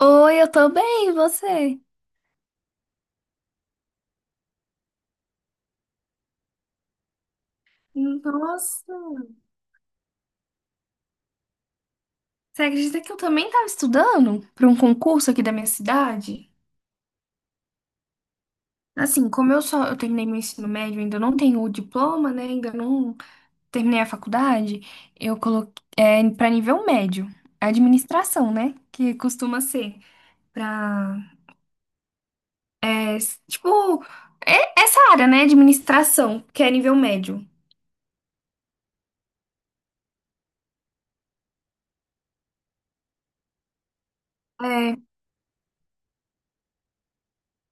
Oi, eu tô bem, e você? Nossa! Você acredita que eu também tava estudando para um concurso aqui da minha cidade? Assim, como eu terminei meu ensino médio, ainda não tenho o diploma, né? Ainda não terminei a faculdade. Eu coloquei para nível médio, administração, né? Que costuma ser para tipo essa área, né? Administração, que é nível médio. É,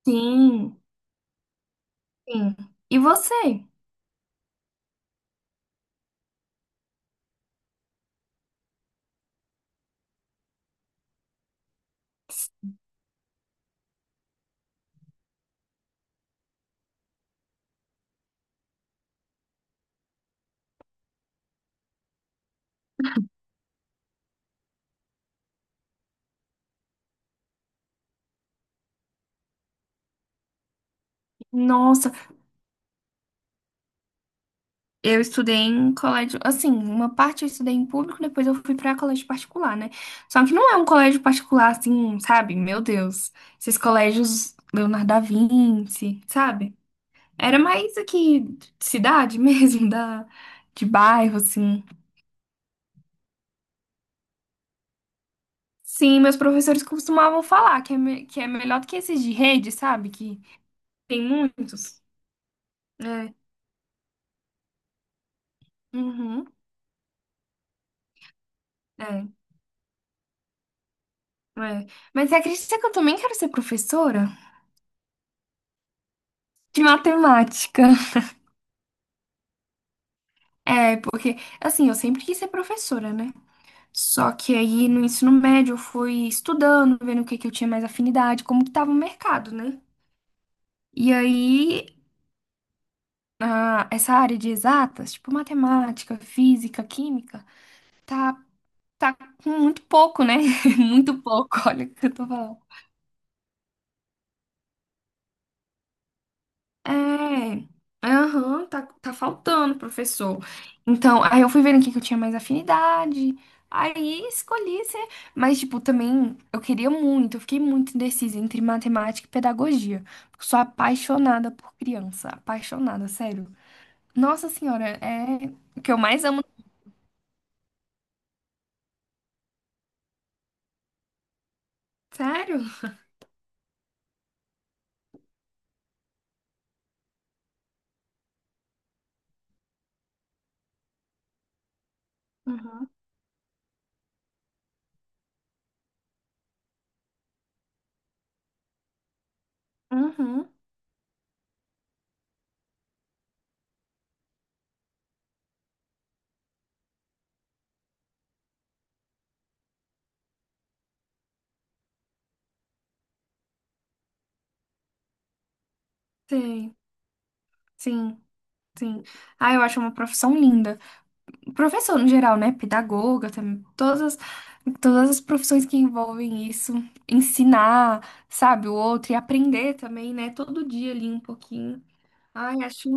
sim, sim. E você? Nossa, eu estudei em colégio, assim, uma parte eu estudei em público, depois eu fui pra colégio particular, né? Só que não é um colégio particular assim, sabe? Meu Deus. Esses colégios Leonardo da Vinci, sabe? Era mais aqui de cidade mesmo, da de bairro assim. Sim, meus professores costumavam falar que é melhor do que esses de rede, sabe? Que tem muitos. É. Uhum. É. É. Mas você acredita que eu também quero ser professora de matemática? É, porque, assim, eu sempre quis ser professora, né? Só que aí no ensino médio eu fui estudando, vendo o que que eu tinha mais afinidade, como que tava o mercado, né? E aí, ah, essa área de exatas, tipo matemática, física, química, tá, tá com muito pouco, né? Muito pouco, olha o que eu tô falando. É, aham, tá faltando, professor. Então, aí eu fui vendo aqui que eu tinha mais afinidade. Aí escolhi ser. Mas, tipo, também eu queria muito, eu fiquei muito indecisa entre matemática e pedagogia. Sou apaixonada por criança. Apaixonada, sério. Nossa senhora, é o que eu mais amo. Sério? Uhum. Uhum. Sim, sim, sim. Ah, eu acho uma profissão linda. Professor no geral, né? Pedagoga, também, todas, todas as profissões que envolvem isso. Ensinar, sabe, o outro e aprender também, né? Todo dia ali um pouquinho. Ai, acho.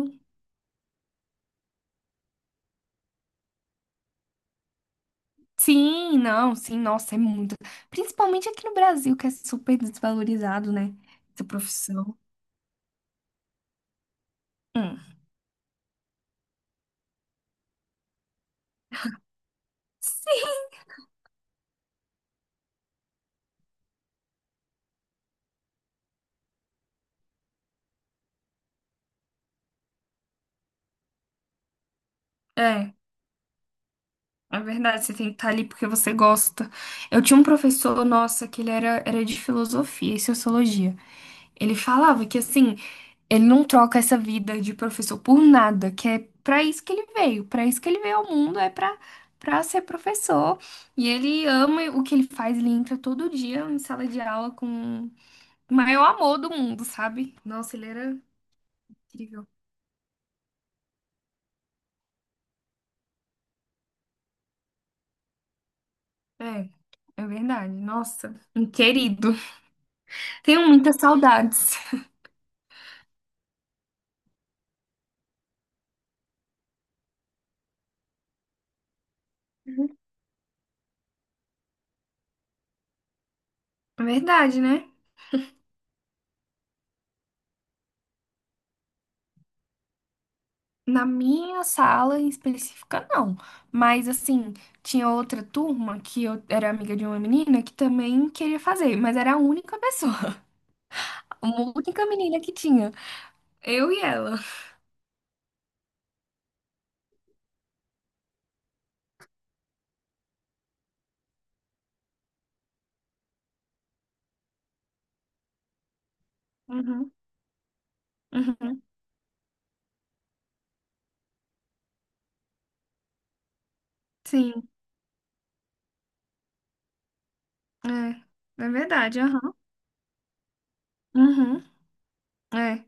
Sim, não, sim, nossa, é muito. Principalmente aqui no Brasil, que é super desvalorizado, né? Essa profissão. Hum. Sim, é. É verdade, você tem que estar ali porque você gosta. Eu tinha um professor, nossa, que ele era de filosofia e sociologia. Ele falava que, assim, ele não troca essa vida de professor por nada, que é pra isso que ele veio, pra isso que ele veio ao mundo, é pra ser professor. E ele ama o que ele faz, ele entra todo dia em sala de aula com o maior amor do mundo, sabe? Nossa, ele era incrível. É, é verdade. Nossa, um querido. Tenho muitas saudades. Verdade, né? Na minha sala em específica, não. Mas, assim, tinha outra turma que eu era amiga de uma menina que também queria fazer, mas era a única pessoa, uma única menina que tinha. Eu e ela. Uhum, uhum. Sim, é. É verdade, aham. Uhum, é.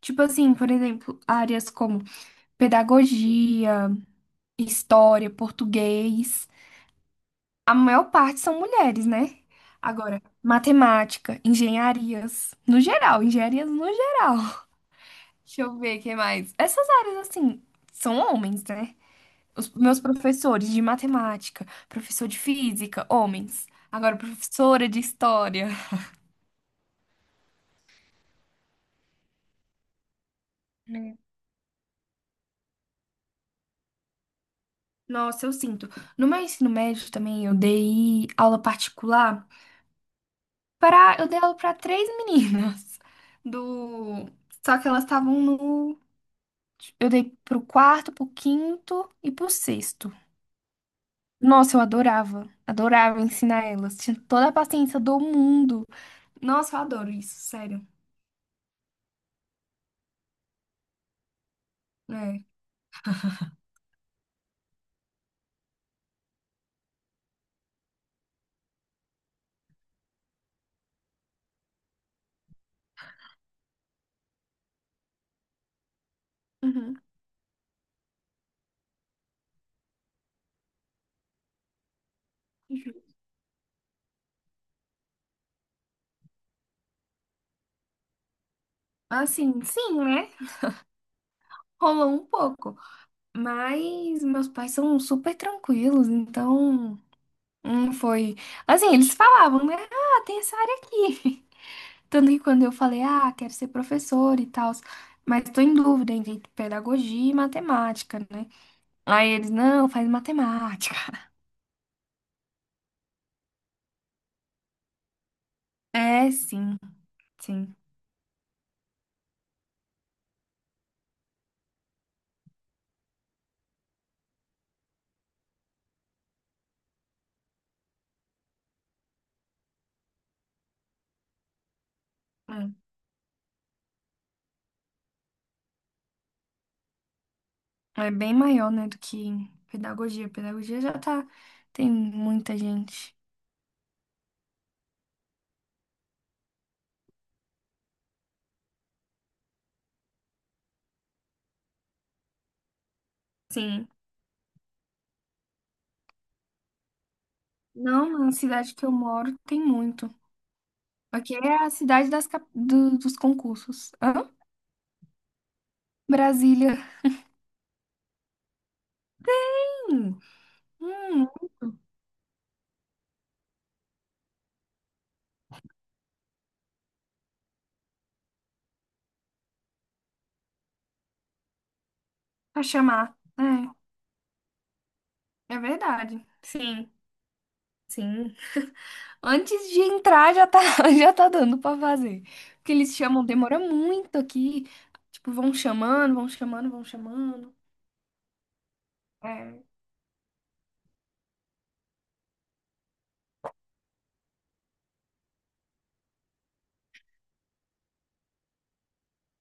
Tipo assim, por exemplo, áreas como pedagogia, história, português. A maior parte são mulheres, né? Agora, matemática, engenharias, no geral, engenharias no geral. Deixa eu ver o que mais. Essas áreas, assim, são homens, né? Os meus professores de matemática, professor de física, homens. Agora, professora de história. Nossa, eu sinto. No meu ensino médio também, eu dei aula particular para, eu dei aula para três meninas do, só que elas estavam no. Eu dei pro quarto, pro quinto e pro sexto. Nossa, eu adorava. Adorava ensinar elas. Tinha toda a paciência do mundo. Nossa, eu adoro isso, sério. É. Uhum. Ju- Assim, sim, né? Rolou um pouco. Mas meus pais são super tranquilos, então. Não foi. Assim, eles falavam, né? Ah, tem essa área aqui. Tanto que quando eu falei, ah, quero ser professora e tal. Mas tô em dúvida entre pedagogia e matemática, né? Aí eles, não, faz matemática. É, sim, sim. É, é bem maior, né, do que pedagogia. Pedagogia já tá, tem muita gente. Sim. Não, na cidade que eu moro tem muito. Aqui é a cidade dos concursos. Hã? Brasília. Hum, hum, pra chamar. É, é verdade. Sim, sim. Antes de entrar já tá, já tá dando pra fazer. Porque eles chamam, demora muito aqui. Tipo, vão chamando, vão chamando, vão chamando. É,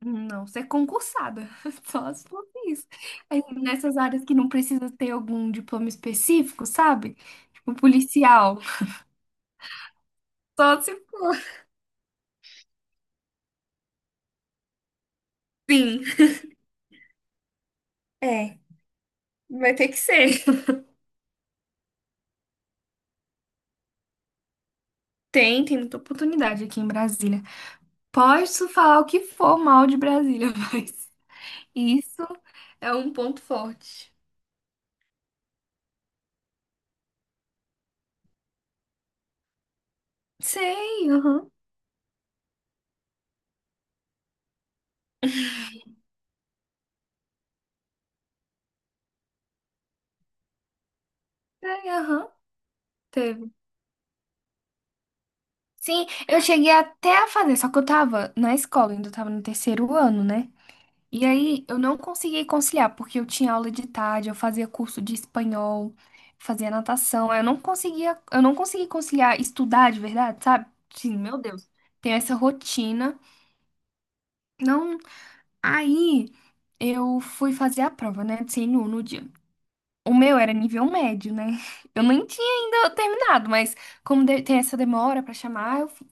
não, você é concursada. Só se for isso. Aí, nessas áreas que não precisa ter algum diploma específico, sabe? Tipo, policial. Só se for. Sim. É, vai ter que ser. Tem muita oportunidade aqui em Brasília. Posso falar o que for mal de Brasília, mas isso é um ponto forte. Sei, aham. É, aham. Teve. Sim, eu cheguei até a fazer, só que eu tava na escola, ainda eu tava no terceiro ano, né? E aí eu não consegui conciliar, porque eu tinha aula de tarde, eu fazia curso de espanhol, fazia natação. Aí eu não consegui conciliar estudar de verdade, sabe? Sim, meu Deus. Tem essa rotina. Não, aí eu fui fazer a prova, né? De CNU no dia. O meu era nível médio, né? Eu nem tinha ainda terminado, mas como tem essa demora pra chamar, eu.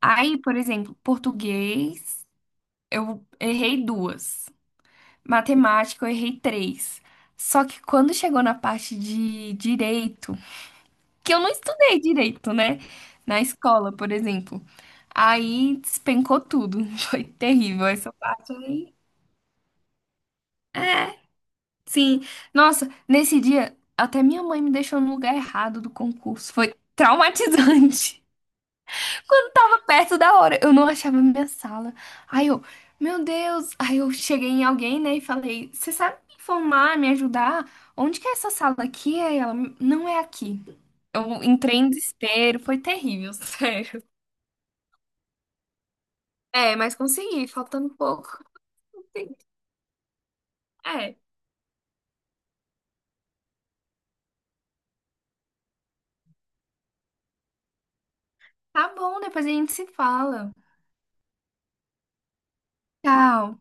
Aí, por exemplo, português, eu errei duas. Matemática, eu errei três. Só que quando chegou na parte de direito, que eu não estudei direito, né? Na escola, por exemplo. Aí despencou tudo. Foi terrível essa parte aí. Sim, nossa, nesse dia até minha mãe me deixou no lugar errado do concurso. Foi traumatizante. Quando tava perto da hora, eu não achava minha sala. Aí eu, meu Deus, aí eu cheguei em alguém, né, e falei: "Você sabe me informar, me ajudar? Onde que é essa sala aqui?" Aí ela, não é aqui. Eu entrei em desespero, foi terrível, sério. É, mas consegui, faltando pouco. É, tá bom, depois a gente se fala. Tchau.